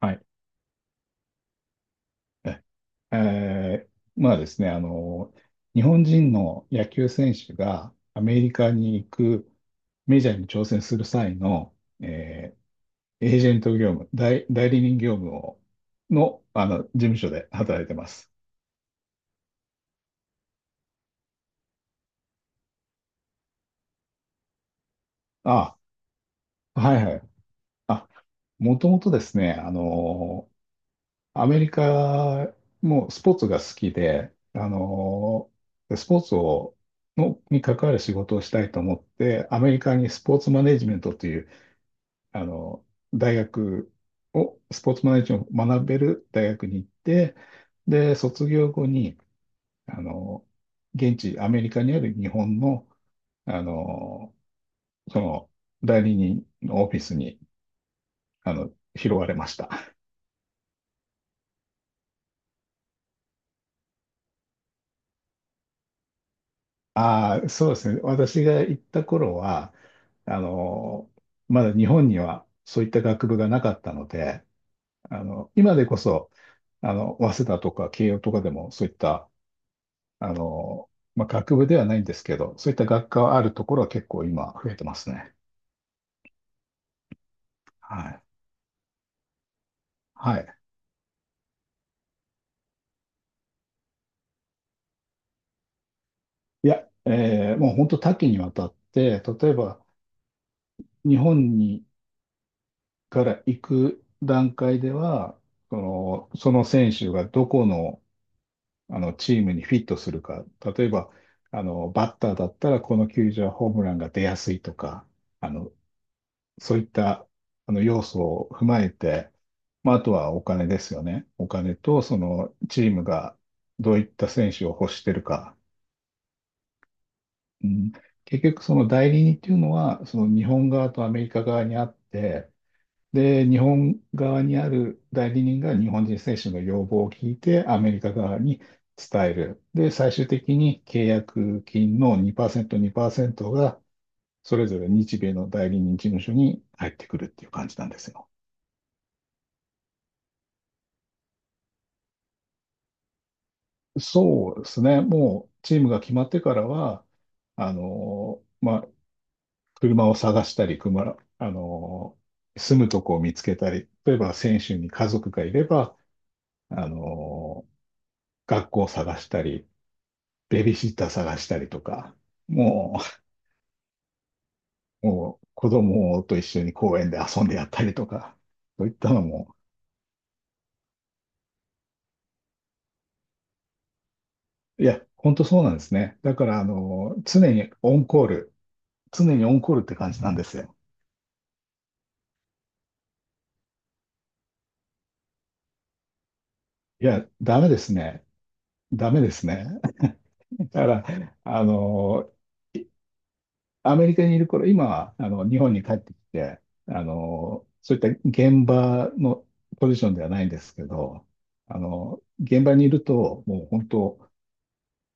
はい。ええー、まあですね、日本人の野球選手がアメリカに行くメジャーに挑戦する際の、えーエージェント業務、代理人業務の、事務所で働いてます。あ、はいはい。あ、もともとですね、アメリカもスポーツが好きで、スポーツに関わる仕事をしたいと思って、アメリカにスポーツマネジメントという、あの大学を、スポーツマネジメントを学べる大学に行って、で、卒業後に、あの現地、アメリカにある日本の、あのその代理人のオフィスに、あの拾われました。ああ、そうですね。私が行った頃は、あの、まだ日本にはそういった学部がなかったので、今でこそ、早稲田とか慶応とかでもそういった、まあ、学部ではないんですけど、そういった学科はあるところは結構今増えてますね。はい。はい。いや、もう本当多岐にわたって、例えば日本から行く段階では、その選手がどこのチームにフィットするか。例えば、バッターだったら、この球場はホームランが出やすいとか、あの、そういった、要素を踏まえて、まあ、あとはお金ですよね。お金と、チームがどういった選手を欲してるか。うん、結局、その代理人っていうのは、その日本側とアメリカ側にあって、で、日本側にある代理人が日本人選手の要望を聞いて、アメリカ側に伝える。で、最終的に契約金の2%、2%が、それぞれ日米の代理人事務所に入ってくるっていう感じなんですよ。そうですね。もう、チームが決まってからは、まあ、車を探したり、車、あの、住むとこを見つけたり、例えば選手に家族がいれば、あの、学校を探したり、ベビーシッター探したりとか、ももう子供と一緒に公園で遊んでやったりとか、そういったのも。いや、本当そうなんですね。だから、常にオンコールって感じなんですよ。いや、ダメですね。ダメですね。だから、あの、いアメリカにいる頃、今は、日本に帰ってきて、そういった現場のポジションではないんですけど、現場にいると、もう本当、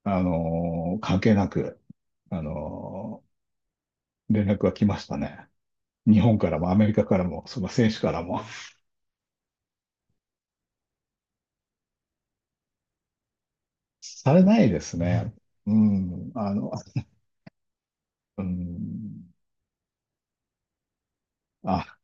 関係なく、あの、連絡が来ましたね。日本からもアメリカからも、その選手からも。されないですね。うん、うん、あ、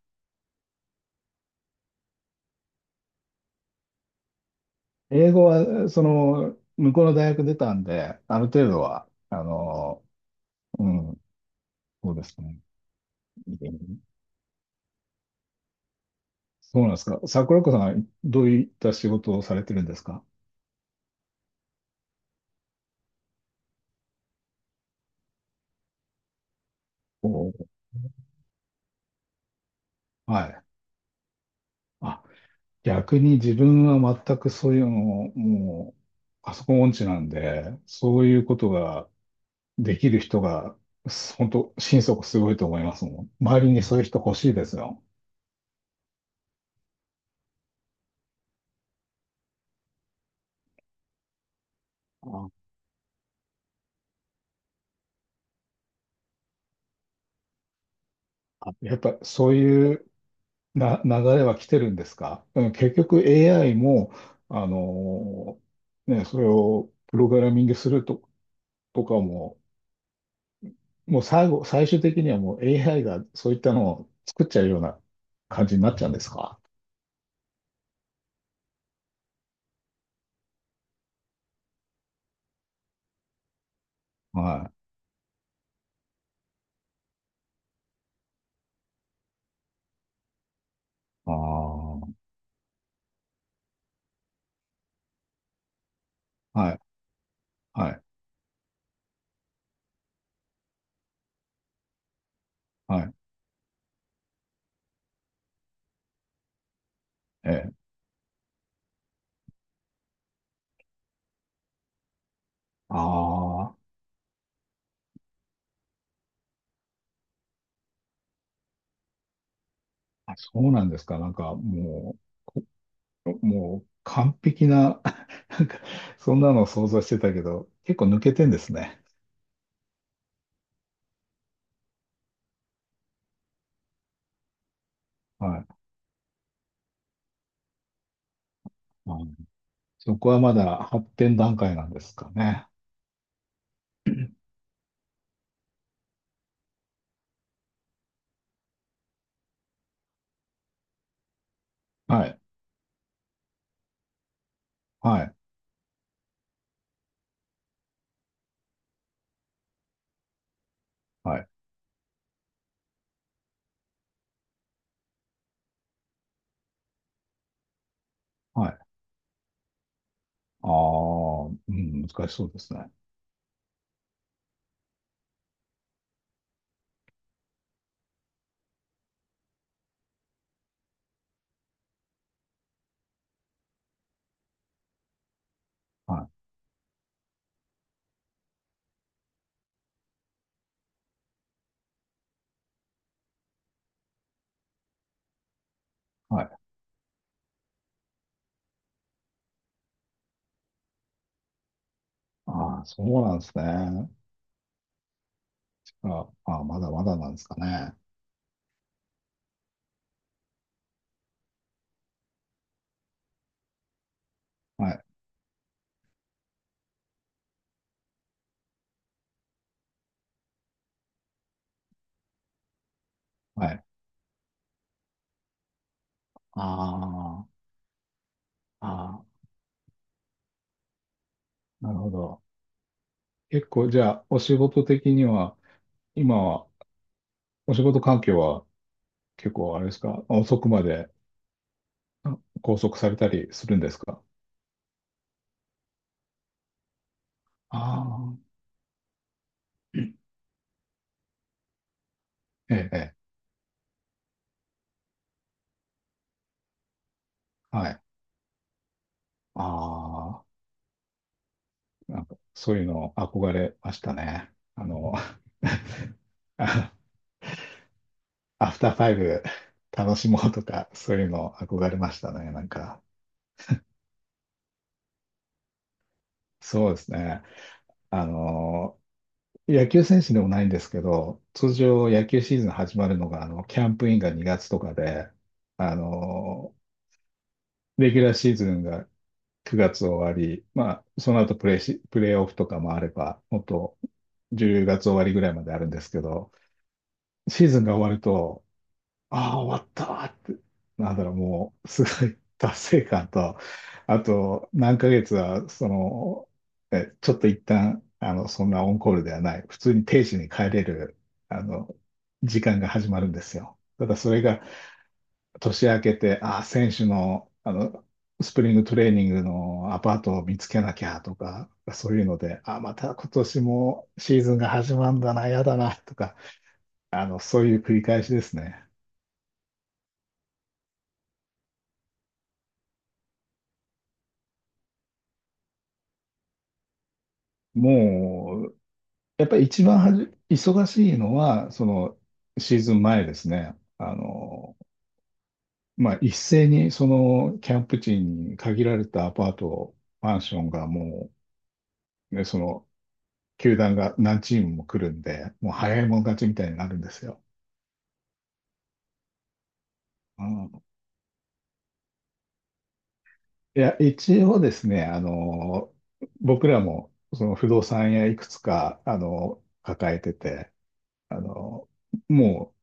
英語は、向こうの大学出たんで、ある程度は、うん、そうですね。うん。そうなんですか？桜子さんはどういった仕事をされてるんですか？おー。はい。あ、逆に自分は全くそういうのを、もう、パソコン音痴なんで、そういうことができる人が、本当、心底すごいと思いますもん。周りにそういう人欲しいですよ。ああ、やっぱそういうな流れは来てるんですか？うん。結局 AI も、あのね、それをプログラミングすると、とかも、もう最終的にはもう AI がそういったのを作っちゃうような感じになっちゃうんですか？はい。ああ、はい、はい、はい、ええ。ああ、そうなんですか。なんか、もう、完璧な、なんか、そんなのを想像してたけど、結構抜けてんですね。はい。あー、そこはまだ発展段階なんですかね。はい、はい、はい、はい。ああ、うん、難しそうですね。はい、はい。ああ、そうなんですね。ああ、まだまだなんですかね。はい、はい。ああ、ああ、なるほど。結構、じゃあ、お仕事的には、今は、お仕事環境は結構あれですか、遅くまであ拘束されたりするんですか？ああー、ええ、ええ。はい。ああ、なんかそういうの憧れましたね。あの、あアフターファイブ楽しもうとか、そういうの憧れましたね。なんか、そうですね。あの野球選手でもないんですけど、通常野球シーズン始まるのが、キャンプインが2月とかで、あの、レギュラーシーズンが9月終わり、まあ、その後プレーオフとかもあれば、もっと10月終わりぐらいまであるんですけど、シーズンが終わると、ああ、終わったーって、なんだろう、もう、すごい達成感と、あと、何ヶ月は、ちょっと一旦、そんなオンコールではない、普通に定時に帰れる、あの、時間が始まるんですよ。ただ、それが、年明けて、ああ、選手の、スプリングトレーニングのアパートを見つけなきゃとか、そういうので、ああ、また今年もシーズンが始まるんだな、やだな、とか、そういう繰り返しですね。もやっぱり一番忙しいのは、そのシーズン前ですね。まあ、一斉にそのキャンプ地に限られたアパート、マンションがもう、ね、その球団が何チームも来るんで、もう早いもん勝ちみたいになるんですよ。うん、いや、一応ですね、僕らもその不動産屋いくつか、抱えてて、あの、も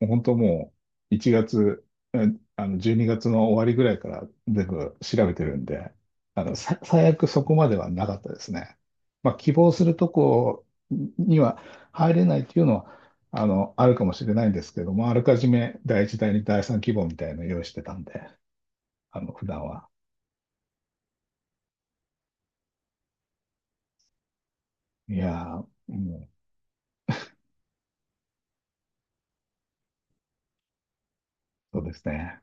う、本当もう、1月、うん、12月の終わりぐらいから全部調べてるんで、最悪そこまではなかったですね。まあ、希望するとこには入れないっていうのは、あるかもしれないんですけども、あらかじめ第一第二第三希望みたいなのを用意してたんで、普段は。いやー、もう、そうですね。